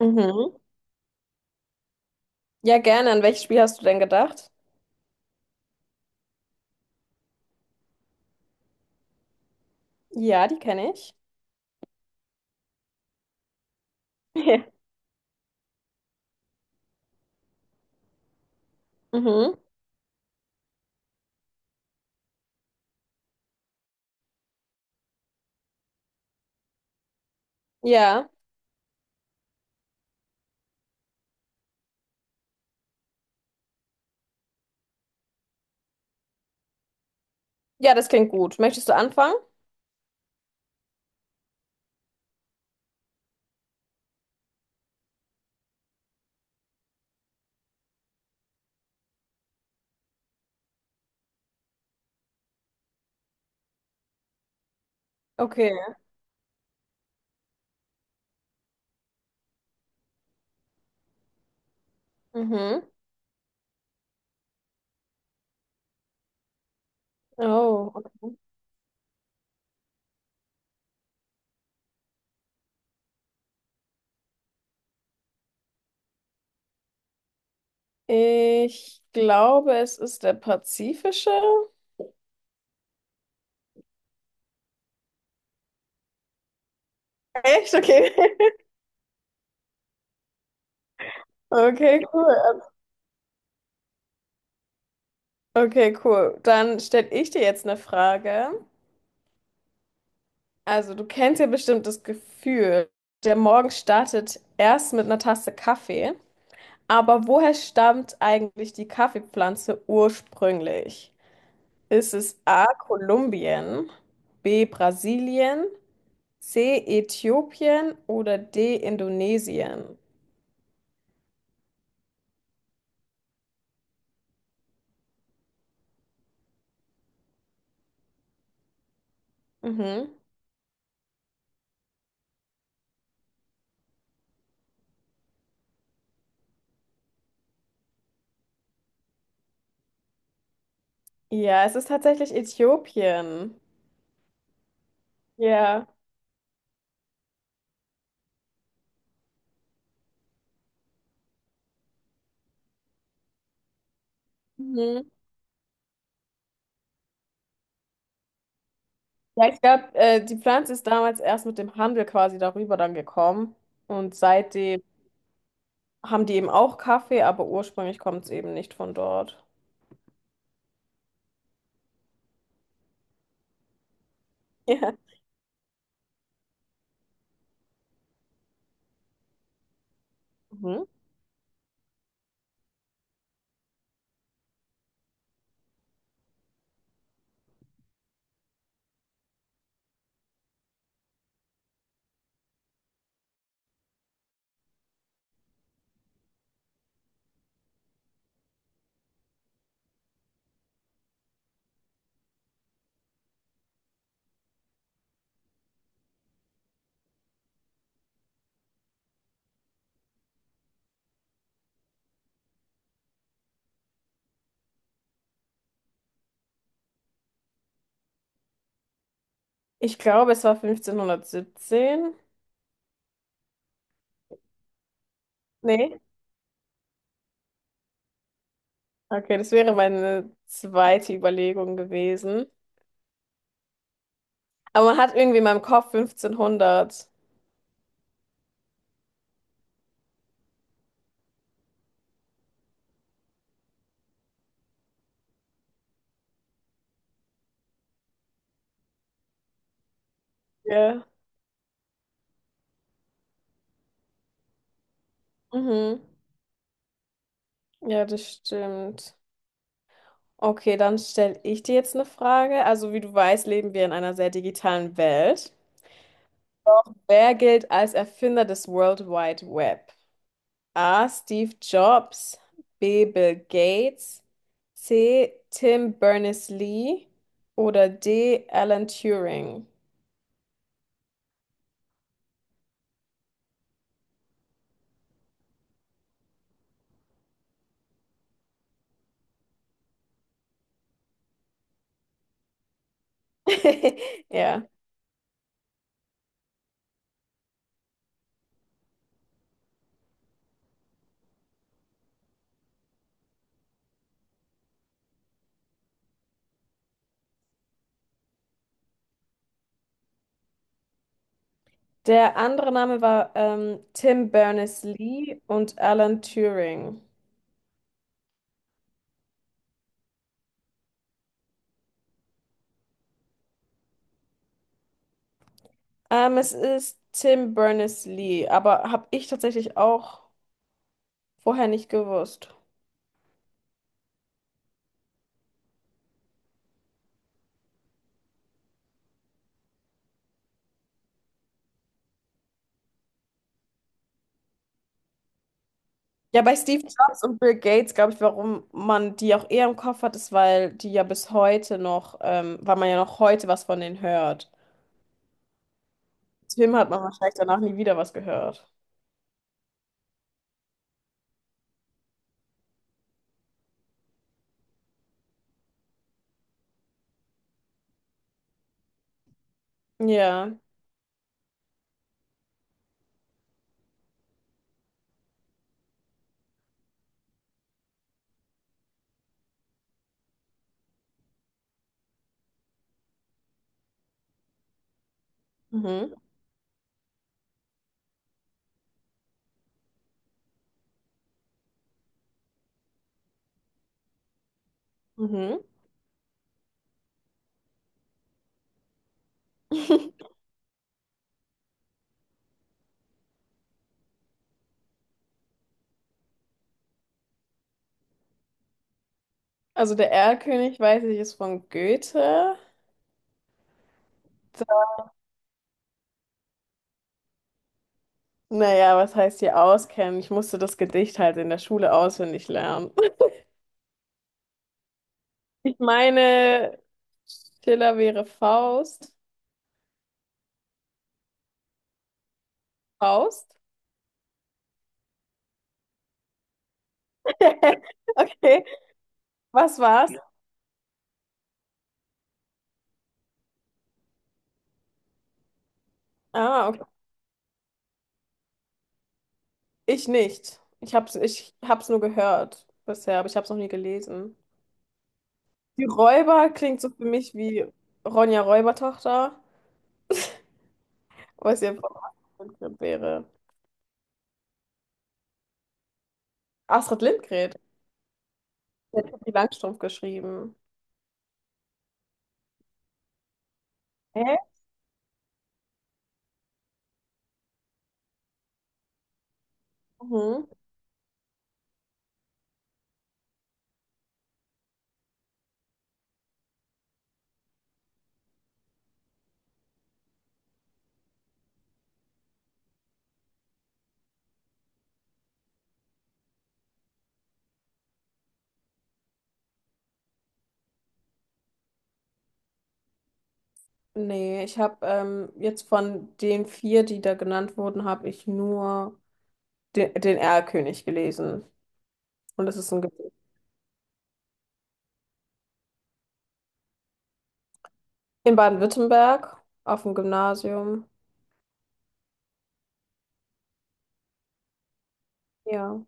Mhm. Ja, gerne. An welches Spiel hast du denn gedacht? Ja, die kenne ich. Ja. Mhm. Ja. Ja, das klingt gut. Möchtest du anfangen? Okay. Mhm. Oh, okay. Ich glaube, es ist der pazifische. Echt? Okay. Okay, cool. Okay, cool. Dann stelle ich dir jetzt eine Frage. Also, du kennst ja bestimmt das Gefühl, der Morgen startet erst mit einer Tasse Kaffee. Aber woher stammt eigentlich die Kaffeepflanze ursprünglich? Ist es A. Kolumbien, B. Brasilien, C. Äthiopien oder D. Indonesien? Mhm. Ja, es ist tatsächlich Äthiopien. Ja. Mhm. Ja, ich glaube, die Pflanze ist damals erst mit dem Handel quasi darüber dann gekommen. Und seitdem haben die eben auch Kaffee, aber ursprünglich kommt es eben nicht von dort. Ja. Mhm. Ich glaube, es war 1517. Nee? Okay, das wäre meine zweite Überlegung gewesen. Aber man hat irgendwie in meinem Kopf 1500. Ja. Mhm. Ja, das stimmt. Okay, dann stelle ich dir jetzt eine Frage. Also, wie du weißt, leben wir in einer sehr digitalen Welt. Wer gilt als Erfinder des World Wide Web? A. Steve Jobs, B. Bill Gates, C. Tim Berners-Lee oder D. Alan Turing. Ja. Der andere Name war Tim Berners-Lee und Alan Turing. Es ist Tim Berners-Lee, aber habe ich tatsächlich auch vorher nicht gewusst. Ja, bei Steve Jobs und Bill Gates, glaube ich, warum man die auch eher im Kopf hat, ist, weil die ja bis heute noch, weil man ja noch heute was von denen hört. Als Film hat man wahrscheinlich danach nie wieder was gehört. Ja. Mhm. Mhm. Also der Erlkönig, weiß ich, ist von Goethe. Naja, was heißt hier auskennen? Ich musste das Gedicht halt in der Schule auswendig lernen. Ich meine, Schiller wäre Faust. Faust? Okay, was war's? Ah, ich nicht. Ich hab's nur gehört bisher, aber ich hab's noch nie gelesen. Die Räuber klingt so für mich wie Ronja Räubertochter, was ja von Astrid Lindgren wäre. Astrid Lindgren, hat die Langstrumpf geschrieben. Hä? Mhm. Nee, ich habe jetzt von den vier, die da genannt wurden, habe ich nur den Erlkönig gelesen. Und das ist ein Gedicht. In Baden-Württemberg, auf dem Gymnasium. Ja.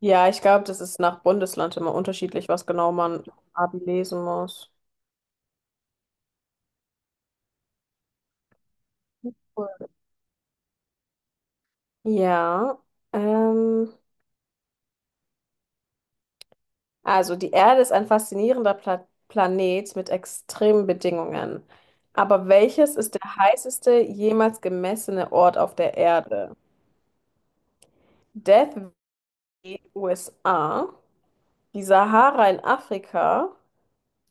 Ja, ich glaube, das ist nach Bundesland immer unterschiedlich, was genau man im Abi lesen muss. Cool. Ja, ähm, also die Erde ist ein faszinierender Planet mit extremen Bedingungen. Aber welches ist der heißeste jemals gemessene Ort auf der Erde? Death Valley, USA, die Sahara in Afrika,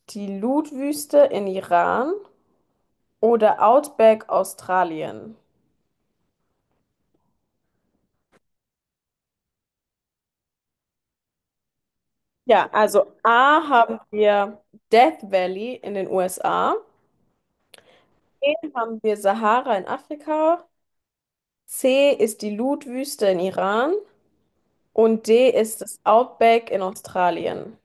die Lutt-Wüste in Iran oder Outback Australien? Ja, also A haben wir Death Valley in den USA, B haben wir Sahara in Afrika, C ist die Lut-Wüste in Iran und D ist das Outback in Australien.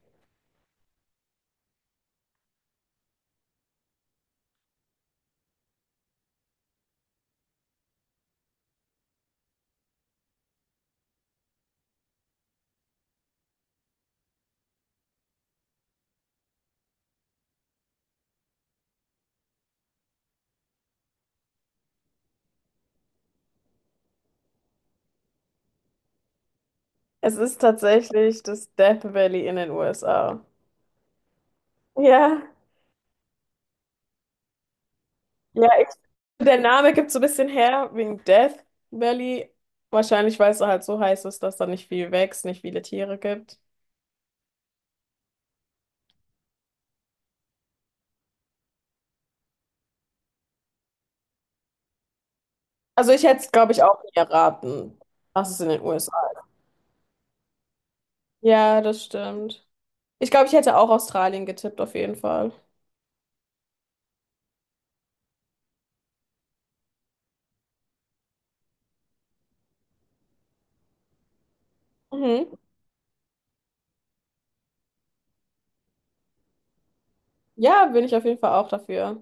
Es ist tatsächlich das Death Valley in den USA. Ja, ja, der Name gibt so ein bisschen her wegen Death Valley. Wahrscheinlich, weil es halt so heiß ist, dass da nicht viel wächst, nicht viele Tiere gibt. Also ich hätte es, glaube ich, auch nie erraten, was es in den USA. Ja, das stimmt. Ich glaube, ich hätte auch Australien getippt, auf jeden Fall. Mhm. Ja, bin ich auf jeden Fall auch dafür.